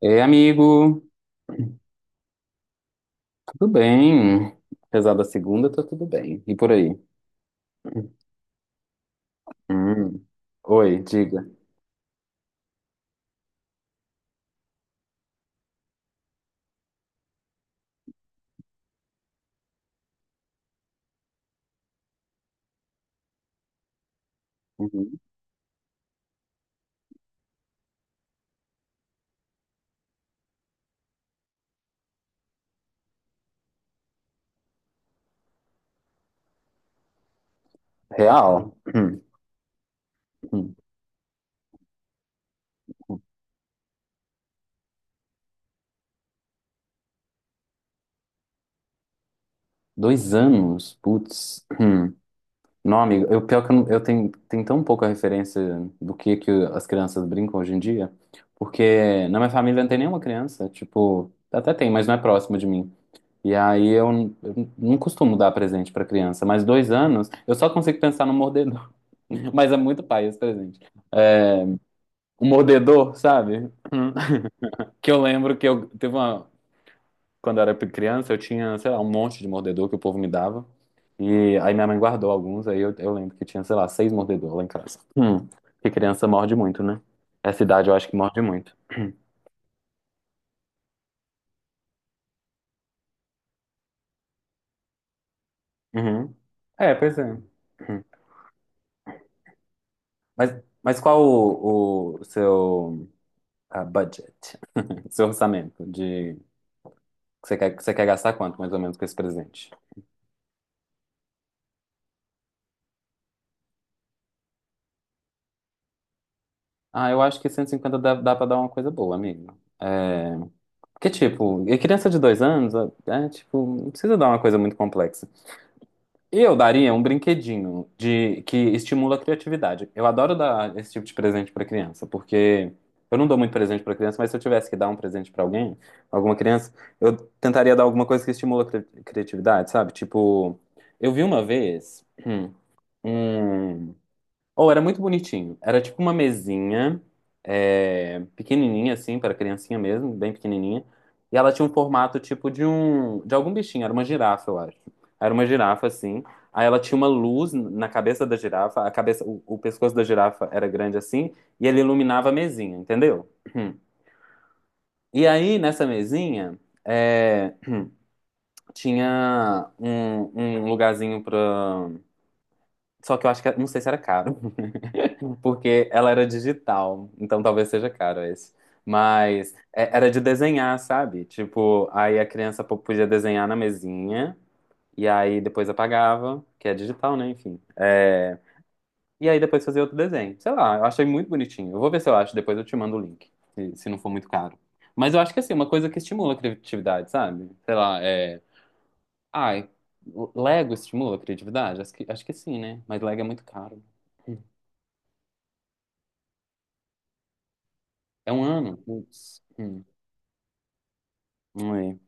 Ei, amigo, tudo bem? Apesar da segunda, tá tudo bem. E por aí? Hum. Oi, diga. Uhum. Real? Hum. Hum. Dois anos? Putz. Hum. Não, amigo, eu, pior que eu, eu tenho tão pouca referência do que as crianças brincam hoje em dia, porque na minha família não tem nenhuma criança, tipo, até tem, mas não é próximo de mim. E aí eu não costumo dar presente pra criança, mas 2 anos, eu só consigo pensar no Mas é muito pai esse presente. Um mordedor, sabe? Que eu lembro que eu teve uma. Quando eu era criança, eu tinha, sei lá, um monte de mordedor que o povo me dava. E aí minha mãe guardou alguns, aí eu lembro que tinha, sei lá, 6 mordedores lá em casa. Hum. Que criança morde muito, né? Essa idade eu acho que morde muito. Uhum. É, pois é. Uhum. Mas, mas qual o seu budget, seu orçamento de você quer gastar quanto mais ou menos com esse presente? Ah, eu acho que 150 dá pra dar uma coisa boa, amigo. É, porque, tipo, e criança de 2 anos, é, tipo, não precisa dar uma coisa muito complexa. E eu daria um brinquedinho de que estimula a criatividade. Eu adoro dar esse tipo de presente pra criança, porque eu não dou muito presente pra criança, mas se eu tivesse que dar um presente pra alguém, alguma criança, eu tentaria dar alguma coisa que estimula a criatividade, sabe? Tipo, eu vi uma vez um, ou era muito bonitinho. Era tipo uma mesinha, pequenininha assim, para criancinha mesmo, bem pequenininha. E ela tinha um formato tipo de de algum bichinho, era uma girafa, eu acho. Era uma girafa assim. Aí ela tinha uma luz na cabeça da girafa, a cabeça, o pescoço da girafa era grande assim, e ele iluminava a mesinha, entendeu? E aí nessa mesinha é, tinha um lugarzinho pra. Só que eu acho que não sei se era caro. Porque ela era digital, então talvez seja caro esse. Mas era de desenhar, sabe? Tipo, aí a criança podia desenhar na mesinha, e aí depois apagava, que é digital, né? Enfim. E aí depois fazia outro desenho. Sei lá, eu achei muito bonitinho. Eu vou ver se eu acho, depois eu te mando o link, se não for muito caro. Mas eu acho que assim, é uma coisa que estimula a criatividade, sabe? Sei lá, é. Ai, Lego estimula a criatividade? Acho que sim, né? Mas Lego é muito caro. É um ano? Putz. Hum. Não é.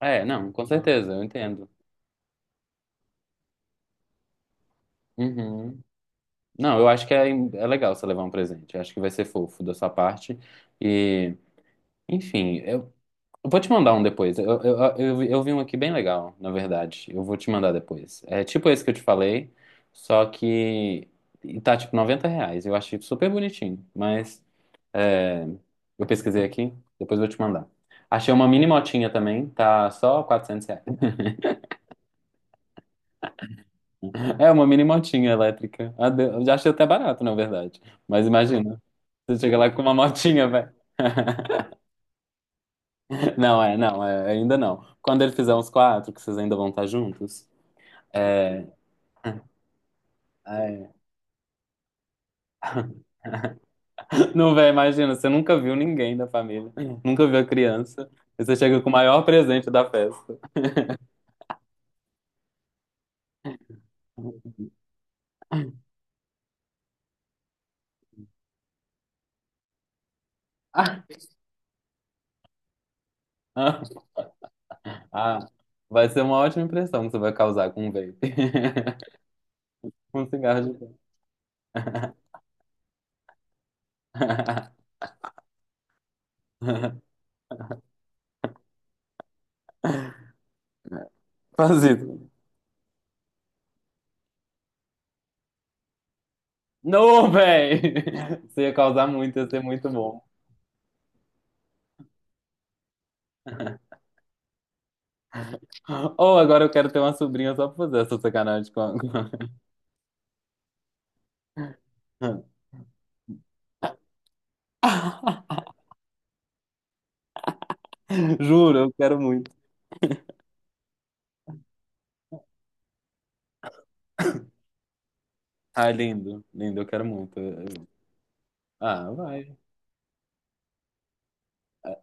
É, não, com certeza, eu entendo. Uhum. Não, eu acho que é legal você levar um presente. Eu acho que vai ser fofo da sua parte. E, enfim, eu vou te mandar um depois. Eu vi um aqui bem legal, na verdade. Eu vou te mandar depois. É tipo esse que eu te falei, só que e tá tipo R$ 90. Eu achei super bonitinho, mas é, eu pesquisei aqui, depois eu vou te mandar. Achei uma mini motinha também, tá só R$ 400. É uma mini motinha elétrica. Ah, eu já achei até barato, na verdade. Mas imagina, você chega lá com uma motinha, velho. Não, é, não, é, ainda não. Quando ele fizer uns quatro, que vocês ainda vão estar juntos, é, é. Não, velho, imagina, você nunca viu ninguém da família, nunca viu a criança, e você chega com o maior presente da festa. Ah, ah, ah, vai ser uma ótima impressão que você vai causar com um vape. Um cigarro de vape. Faz isso. Não, véi! Isso ia causar muito, ia ser muito bom. Ou agora eu quero ter uma sobrinha só pra fazer essa sacanagem com a... com a- Juro, eu quero muito. Ah, lindo, lindo, eu quero muito. Ah, vai.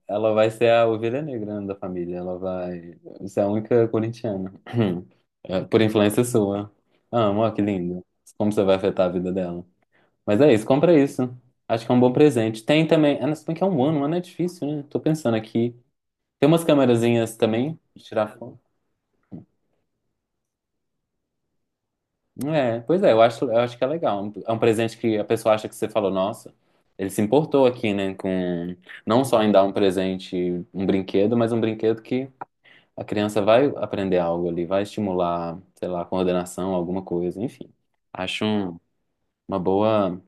Ela vai ser a ovelha negra, né, da família, ela vai ser a única corintiana. É, por influência sua. Amo, ó, que lindo. Como você vai afetar a vida dela? Mas é isso, compra isso. Acho que é um bom presente. Tem também. Ah, não, se bem que é um ano é difícil, né? Tô pensando aqui. Tem umas câmerazinhas também de tirar foto. É, pois é, eu acho que é legal. É um presente que a pessoa acha que você falou, nossa, ele se importou aqui, né? Com não só em dar um presente, um brinquedo, mas um brinquedo que a criança vai aprender algo ali, vai estimular, sei lá, coordenação, alguma coisa, enfim. Acho uma boa.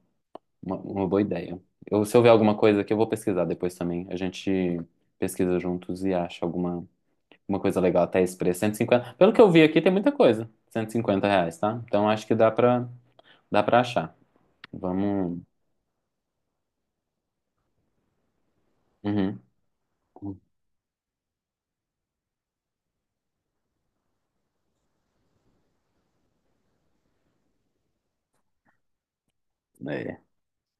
Uma boa ideia. Eu, se eu ver alguma coisa aqui, eu vou pesquisar depois também. A gente pesquisa juntos e acha alguma coisa legal até esse preço. 150. Pelo que eu vi aqui, tem muita coisa. R$ 150, tá? Então acho que dá pra achar. Vamos. Uhum. É.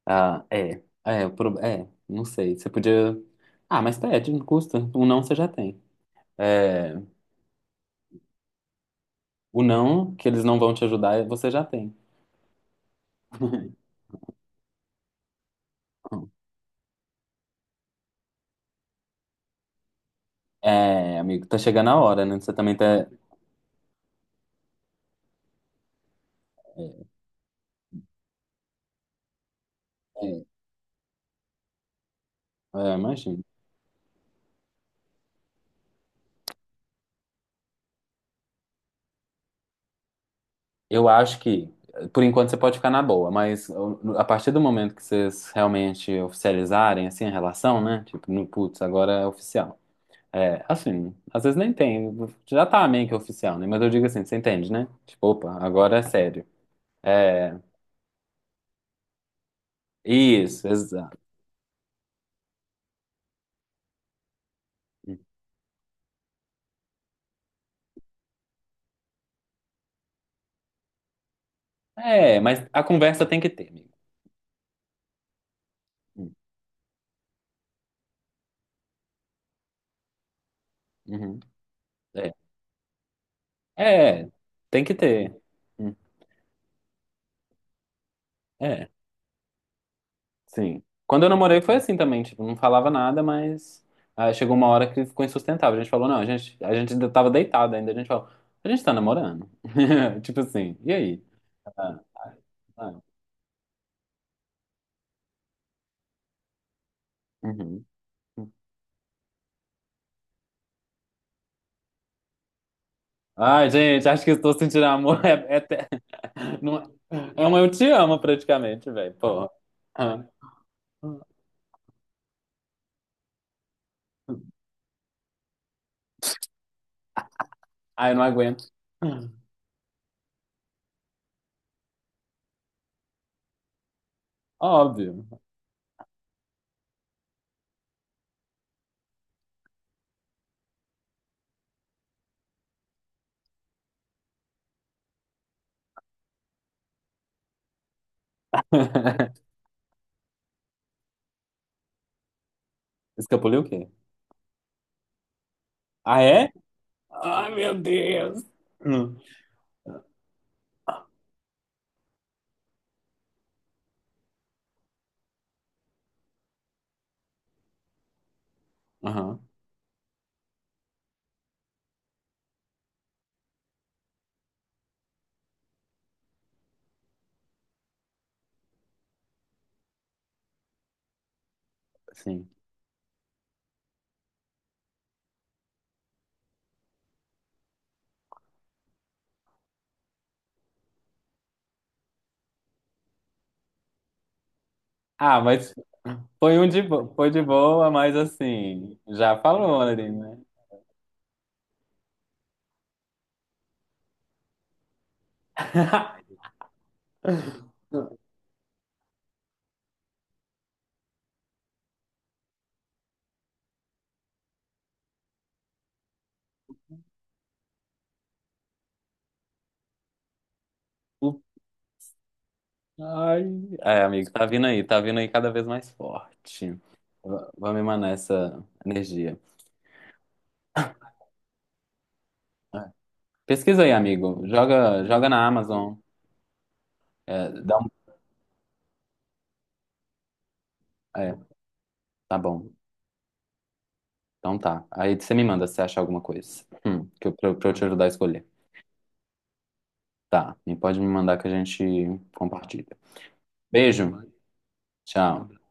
Ah, é. É, é, não sei. Você podia. Ah, mas pede, não custa. O não você já tem. É, o não, que eles não vão te ajudar, você já tem. É, amigo, tá chegando a hora, né? Você também tá. é, É. É, imagino. Eu acho que, por enquanto, você pode ficar na boa, mas a partir do momento que vocês realmente oficializarem, assim, a relação, né? Tipo, no putz, agora é oficial. É, assim, às vezes nem tem, já tá meio que oficial, né? Mas eu digo assim, você entende, né? Tipo, opa, agora é sério. É, isso, exato. É, mas a conversa tem que ter, amigo. Uhum. É, é, tem que ter. Uhum. É. Sim. Quando eu namorei foi assim também, tipo, não falava nada, mas chegou uma hora que ficou insustentável. A gente falou, não, a gente ainda tava deitado ainda, a gente falou, a gente tá namorando. Tipo assim, e aí? Ah, ah, uhum. Ai, gente, acho que estou sentindo amor. É, até- não- é um eu te amo praticamente, velho. Porra. Ah, ai, eu não aguento. Óbvio. Escapuliu o quê? Ah, é? Ai, meu Deus. Hum. Aham, sim. Ah, mas foi um de boa, foi de boa, mas assim, já falou ali, né? O- Ai, é, amigo, tá vindo aí cada vez mais forte. Vamos emanar essa energia. É. Pesquisa aí, amigo. Joga, joga na Amazon. É, é, tá bom. Então tá. Aí você me manda se você achar alguma coisa. Que eu, pra, eu pra eu te ajudar a escolher. Tá. E pode me mandar que a gente compartilha. Beijo. Tchau.